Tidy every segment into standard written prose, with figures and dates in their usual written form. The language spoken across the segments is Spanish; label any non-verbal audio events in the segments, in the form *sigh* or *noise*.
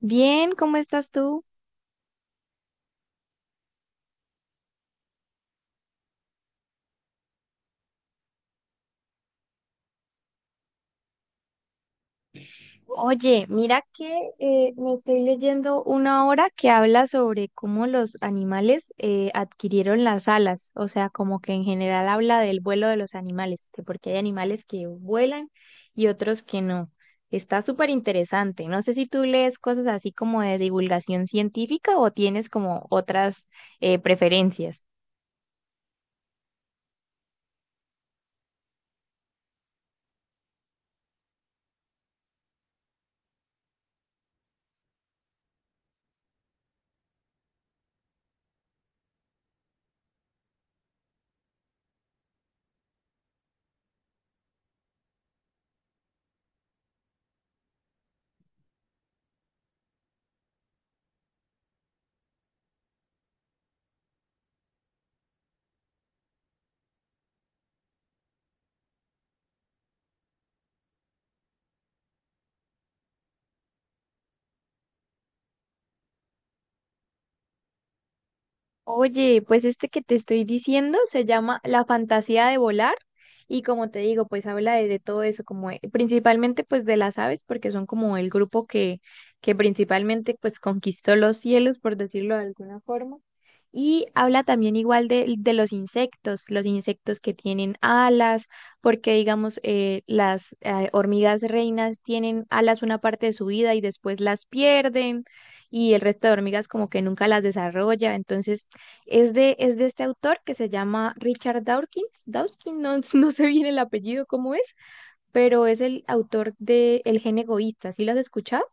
Bien, ¿cómo estás tú? Oye, mira que me estoy leyendo una obra que habla sobre cómo los animales adquirieron las alas, o sea, como que en general habla del vuelo de los animales, de por qué hay animales que vuelan y otros que no. Está súper interesante. No sé si tú lees cosas así como de divulgación científica o tienes como otras preferencias. Oye, pues este que te estoy diciendo se llama La fantasía de volar y como te digo, pues habla de todo eso, como principalmente pues de las aves, porque son como el grupo que principalmente pues conquistó los cielos, por decirlo de alguna forma. Y habla también igual de los insectos que tienen alas, porque digamos las hormigas reinas tienen alas una parte de su vida y después las pierden y el resto de hormigas como que nunca las desarrolla. Entonces es de este autor que se llama Richard Dawkins. Dawkins, no, *laughs* no sé bien el apellido cómo es, pero es el autor de El gen egoísta. ¿Sí lo has escuchado?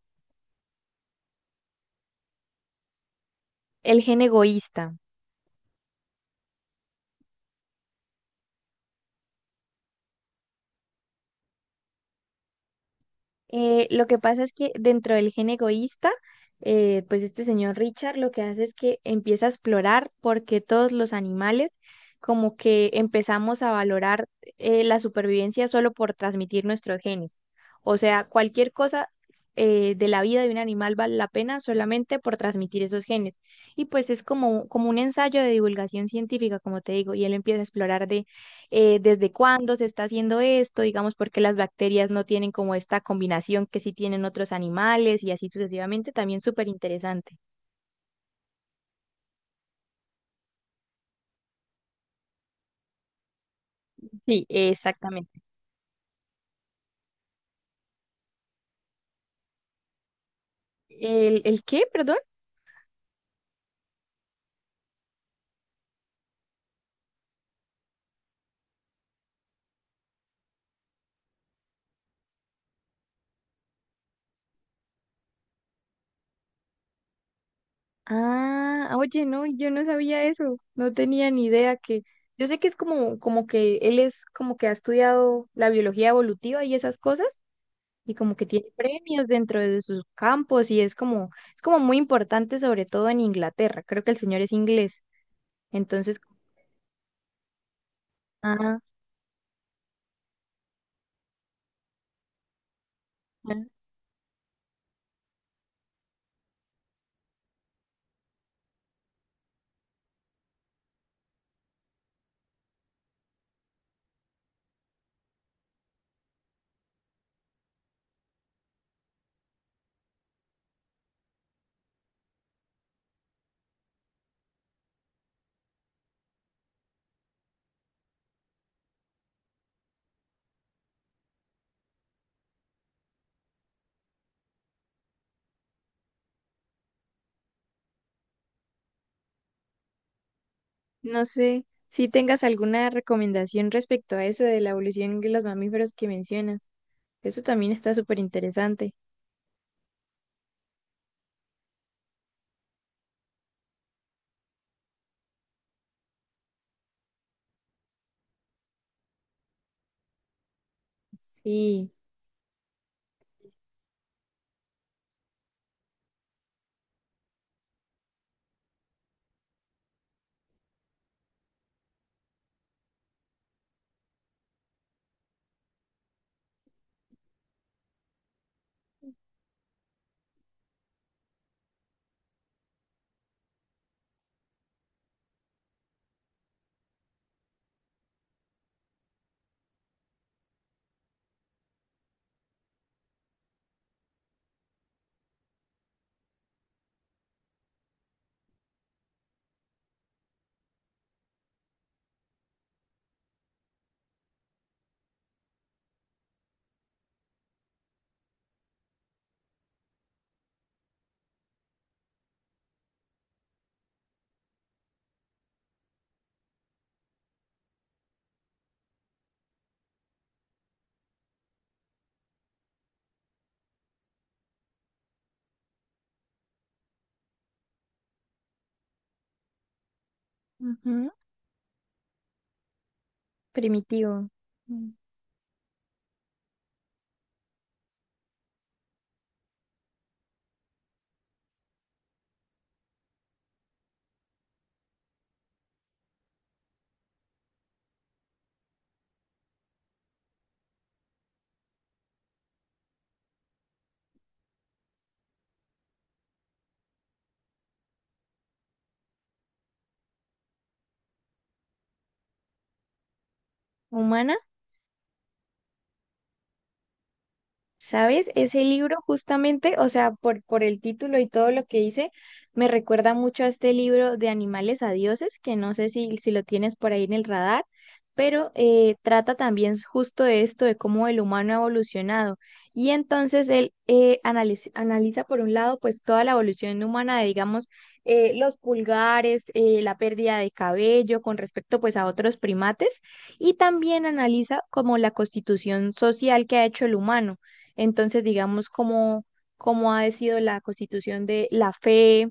El gen egoísta. Lo que pasa es que dentro del gen egoísta, pues este señor Richard lo que hace es que empieza a explorar por qué todos los animales como que empezamos a valorar la supervivencia solo por transmitir nuestros genes. O sea, cualquier cosa de la vida de un animal vale la pena solamente por transmitir esos genes. Y pues es como, como un ensayo de divulgación científica, como te digo, y él empieza a explorar de desde cuándo se está haciendo esto, digamos, porque las bacterias no tienen como esta combinación que sí tienen otros animales y así sucesivamente, también súper interesante. Sí, exactamente. El qué, perdón? Ah, oye, no, yo no sabía eso, no tenía ni idea que... Yo sé que es como, como que él es como que ha estudiado la biología evolutiva y esas cosas, y como que tiene premios dentro de sus campos, y es como muy importante, sobre todo en Inglaterra. Creo que el señor es inglés. Entonces, ah, ujú. No sé si tengas alguna recomendación respecto a eso de la evolución de los mamíferos que mencionas. Eso también está súper interesante. Sí, ujú. Primitivo. Mm. ¿Humana? ¿Sabes? Ese libro justamente, o sea, por el título y todo lo que hice, me recuerda mucho a este libro de Animales a Dioses, que no sé si lo tienes por ahí en el radar, pero trata también justo de esto, de cómo el humano ha evolucionado. Y entonces él analiza, por un lado, pues toda la evolución humana de, digamos, los pulgares, la pérdida de cabello con respecto pues a otros primates, y también analiza como la constitución social que ha hecho el humano. Entonces, digamos, cómo ha sido la constitución de la fe,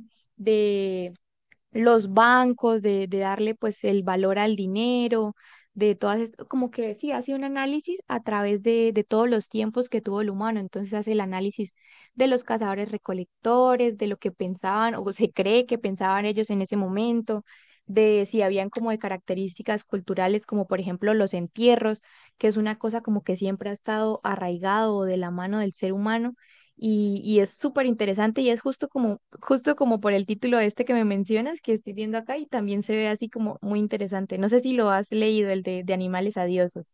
los bancos, de darle pues el valor al dinero, de todas, como que sí, hace un análisis a través de todos los tiempos que tuvo el humano, entonces hace el análisis de los cazadores recolectores, de lo que pensaban o se cree que pensaban ellos en ese momento, de si habían como de características culturales, como por ejemplo los entierros, que es una cosa como que siempre ha estado arraigado o de la mano del ser humano y es súper interesante y es justo como por el título este que me mencionas, que estoy viendo acá y también se ve así como muy interesante. No sé si lo has leído, el de Animales Adiosos.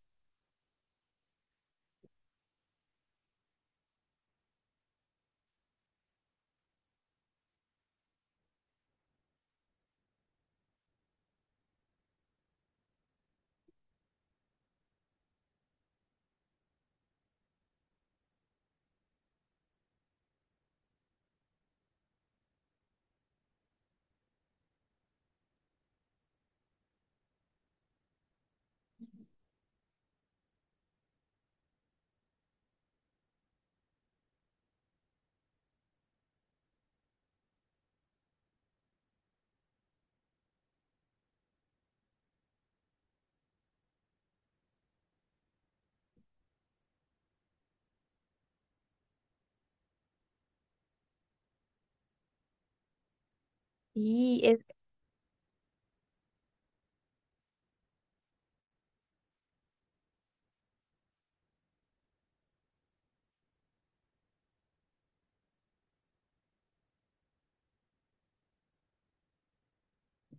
Sí, es...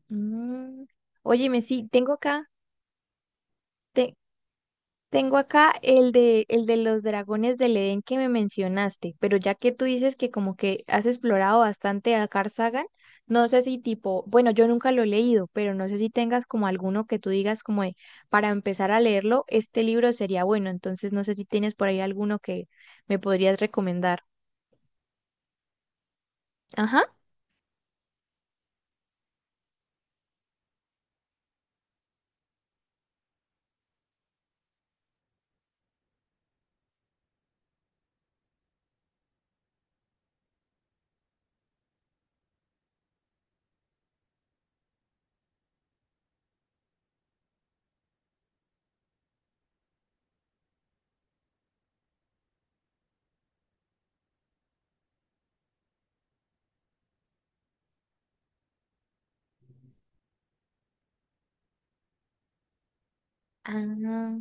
Mm. Óyeme, sí, tengo acá, te- tengo acá el de los dragones del Edén que me mencionaste, pero ya que tú dices que como que has explorado bastante a Carl Sagan, no sé si tipo, bueno, yo nunca lo he leído, pero no sé si tengas como alguno que tú digas como de, para empezar a leerlo, este libro sería bueno, entonces no sé si tienes por ahí alguno que me podrías recomendar. Ajá. Ah,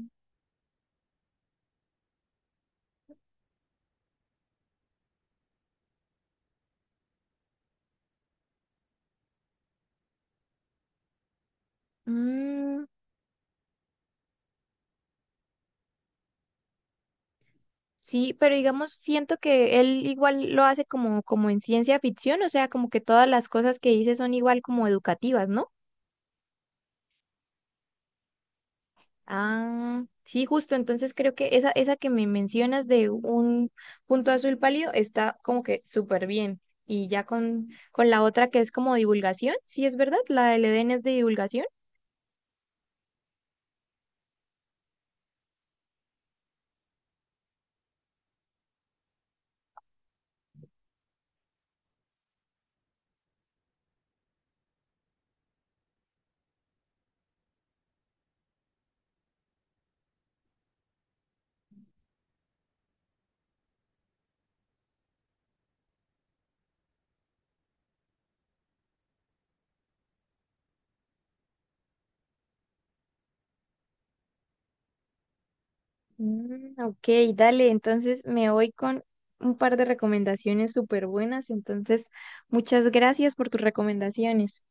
mm, sí, pero digamos, siento que él igual lo hace como, como en ciencia ficción, o sea, como que todas las cosas que dice son igual como educativas, ¿no? Ah, sí, justo. Entonces creo que esa que me mencionas de un punto azul pálido está como que súper bien. Y ya con la otra que es como divulgación, sí es verdad, la del Edén es de divulgación. Mm, ok, dale, entonces me voy con un par de recomendaciones súper buenas. Entonces, muchas gracias por tus recomendaciones.